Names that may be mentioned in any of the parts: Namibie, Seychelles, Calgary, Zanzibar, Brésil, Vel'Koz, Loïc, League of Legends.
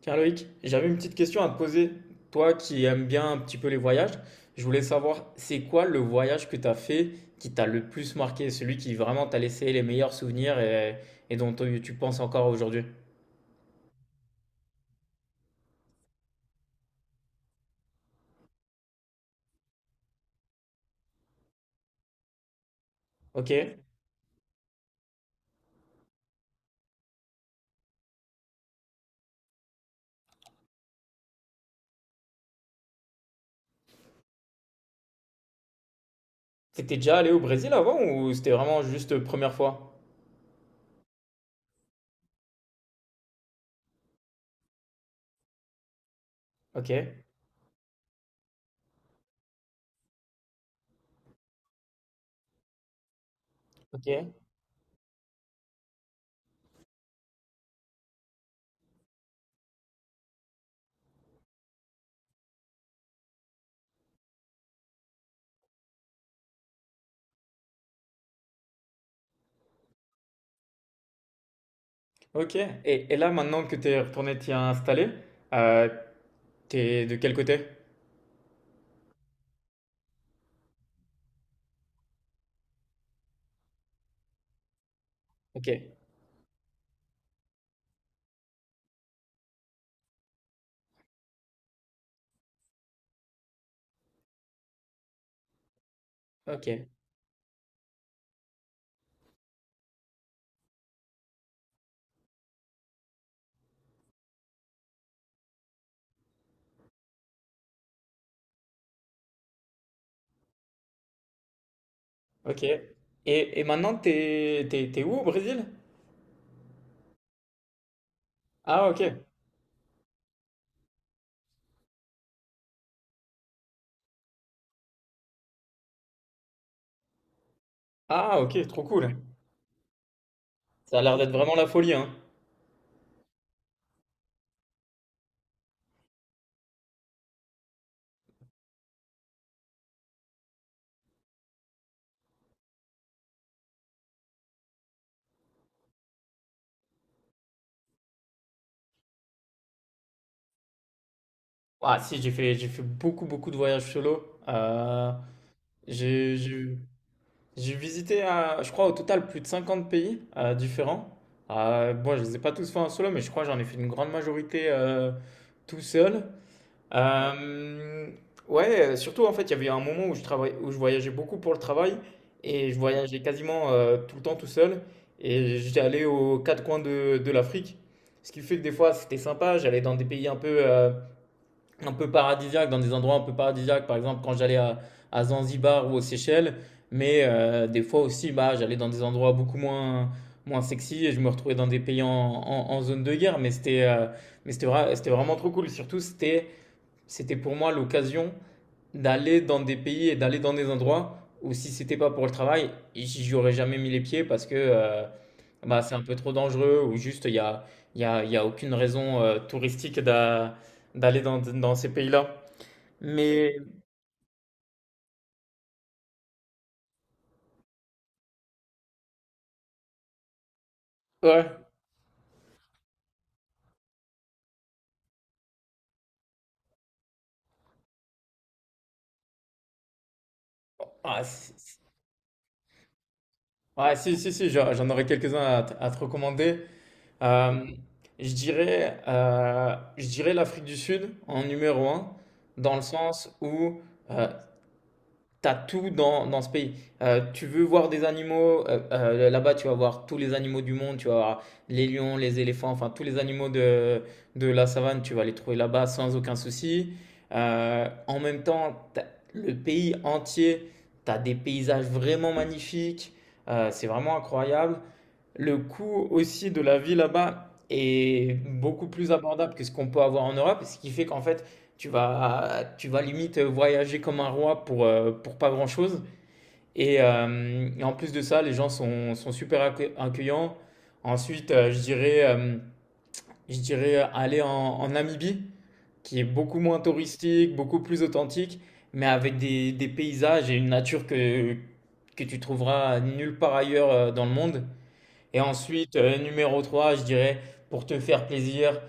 Tiens Loïc, j'avais une petite question à te poser. Toi qui aimes bien un petit peu les voyages, je voulais savoir c'est quoi le voyage que tu as fait qui t'a le plus marqué, celui qui vraiment t'a laissé les meilleurs souvenirs et dont tu penses encore aujourd'hui. Ok. T'étais déjà allé au Brésil avant ou c'était vraiment juste première fois? Ok. Ok. Ok. Et là maintenant que tu es retourné t'y installer, euh, t'es de quel côté? Ok. Ok. Ok. Et maintenant t'es où au Brésil? Ah ok. Ah ok, trop cool. Ça a l'air d'être vraiment la folie, hein. Ah si, j'ai fait beaucoup, beaucoup de voyages solo. J'ai j'ai- j'ai visité, je crois, au total plus de 50 pays différents. Bon, je les ai pas tous fait en solo, mais je crois que j'en ai fait une grande majorité tout seul. Euh, ouais, surtout en fait, il y avait un moment où je travaillais, où je voyageais beaucoup pour le travail et je voyageais quasiment tout le temps tout seul et j'étais allé aux quatre coins de l'Afrique. Ce qui fait que des fois c'était sympa, j'allais dans des pays un peu paradisiaques, dans des endroits un peu paradisiaques, par exemple quand j'allais à Zanzibar ou aux Seychelles, mais des fois aussi bah, j'allais dans des endroits beaucoup moins, moins sexy et je me retrouvais dans des pays en zone de guerre, mais c'était c'était vraiment trop cool, surtout c'était pour moi l'occasion d'aller dans des pays et d'aller dans des endroits où si c'était pas pour le travail, j'y aurais jamais mis les pieds parce que bah, c'est un peu trop dangereux ou juste il y a aucune raison touristique d'aller dans, dans ces pays-là. Mais ouais, ah, si, si- ouais, si, j'en aurais quelques-uns à te recommander. Euh, je dirais l'Afrique du Sud en numéro un, dans le sens où euh, t'as tout dans, dans ce pays. Tu veux voir des animaux, là-bas tu vas voir tous les animaux du monde, tu vas voir les lions, les éléphants, enfin tous les animaux de la savane, tu vas les trouver là-bas sans aucun souci. En même temps, le pays entier, tu as des paysages vraiment magnifiques. C'est vraiment incroyable. Le coût aussi de la vie là-bas est beaucoup plus abordable que ce qu'on peut avoir en Europe, ce qui fait qu'en fait, tu vas limite voyager comme un roi pour pas grand-chose. Et en plus de ça, sont super accueillants. Ensuite, je dirais aller en, en Namibie, qui est beaucoup moins touristique, beaucoup plus authentique, mais avec des paysages et une nature que tu trouveras nulle part ailleurs dans le monde. Et ensuite, numéro 3, je dirais, pour te faire plaisir,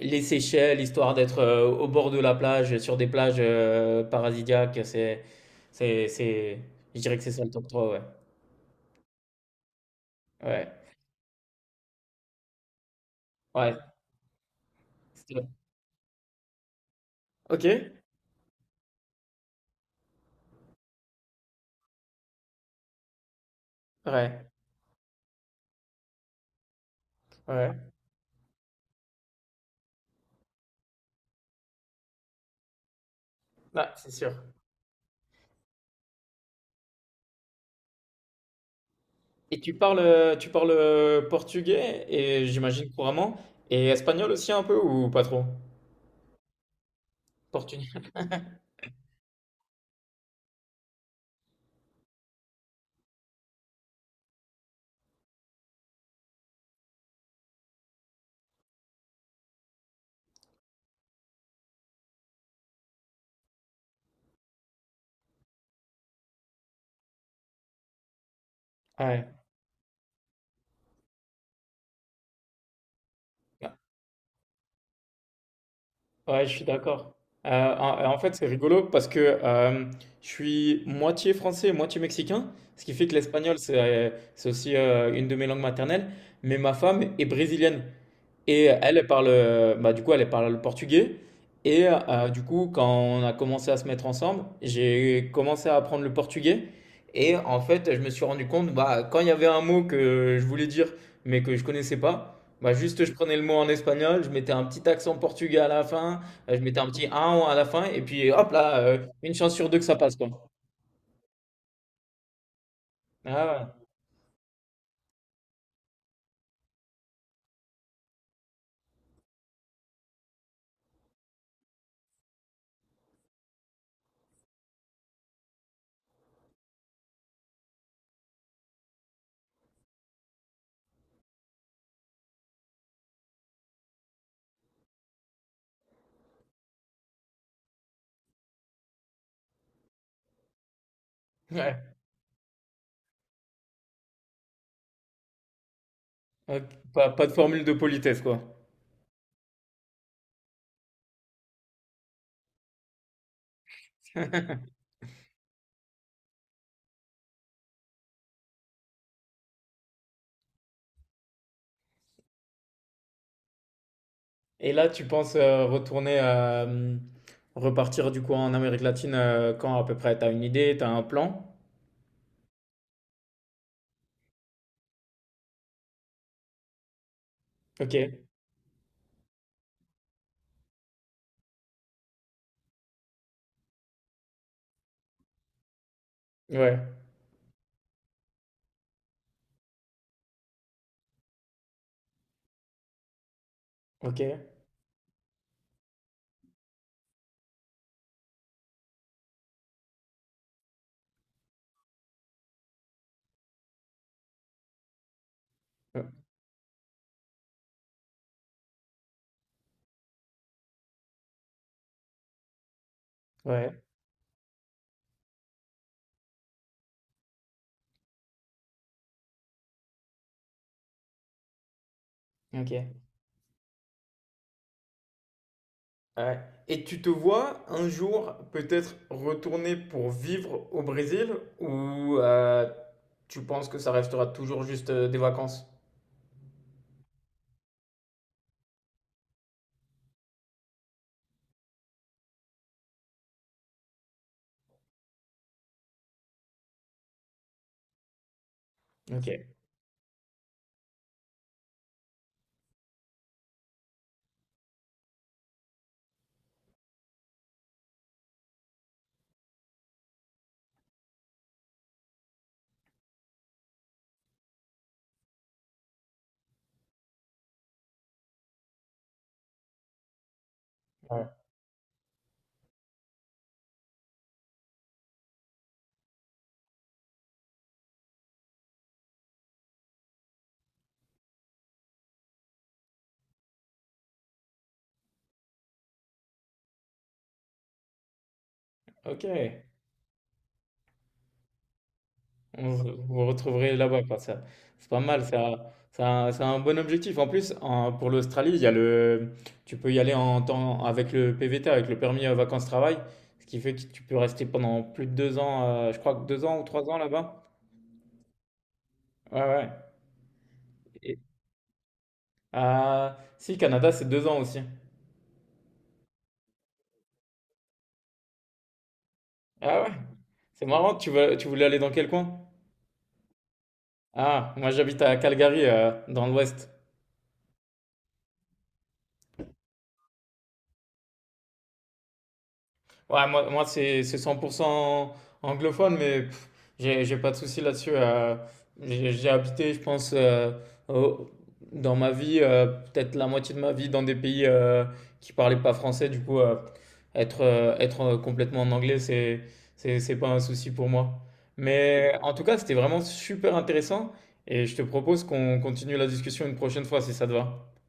les Seychelles, histoire d'être au bord de la plage, sur des plages paradisiaques. C'est, c'est, je dirais que c'est ça le top trois, ouais. Ouais, ouais. c'est- Ok, ouais, ouais. Ouais, c'est sûr. Et tu parles portugais, et j'imagine couramment, et espagnol aussi un peu, ou pas trop? Portugais. Ouais. Ouais, je suis d'accord. Euh, en fait, c'est rigolo parce que je suis moitié français, moitié mexicain, ce qui fait que l'espagnol, c'est aussi une de mes langues maternelles, mais ma femme est brésilienne. Et elle, elle parle, bah, du coup, elle parle le portugais. Et du coup, quand on a commencé à se mettre ensemble, j'ai commencé à apprendre le portugais. Et en fait, je me suis rendu compte, bah, quand il y avait un mot que je voulais dire, mais que je connaissais pas, bah, juste je prenais le mot en espagnol, je mettais un petit accent portugais à la fin, je mettais un petit un à la fin, et puis hop là, une chance sur deux que ça passe, quoi. Ah ouais. Ouais. Ok. Pas, pas de formule de politesse, quoi. Et là, tu penses retourner, repartir du coup en Amérique latine quand à peu près? T'as une idée, t'as un plan? Ok, ouais, ok, euh, ouais, ok. Ouais. Et tu te vois un jour peut-être retourner pour vivre au Brésil ou tu penses que ça restera toujours juste des vacances? Ok, ouais, ok. Vous vous retrouverez là-bas, quoi. Ça, c'est pas mal, ça, c'est un bon objectif. En plus, pour l'Australie, il y a le, tu peux y aller en temps avec le PVT, avec le permis vacances-travail, ce qui fait que tu peux rester pendant plus de deux ans, je crois que deux ans ou trois ans là-bas. Ouais, ouais. Et- ah, si, Canada, c'est deux ans aussi. Ah ouais, c'est marrant. Tu voulais aller dans quel coin? Ah, moi j'habite à Calgary, dans l'Ouest. Ouais, moi c'est 100% anglophone, mais pff, j'ai pas de souci là-dessus. J'ai habité, je pense, au- dans ma vie, peut-être la moitié de ma vie, dans des pays qui parlaient pas français. Du coup, être complètement en anglais, c'est c'est pas un souci pour moi. Mais en tout cas, c'était vraiment super intéressant et je te propose qu'on continue la discussion une prochaine fois si ça te va.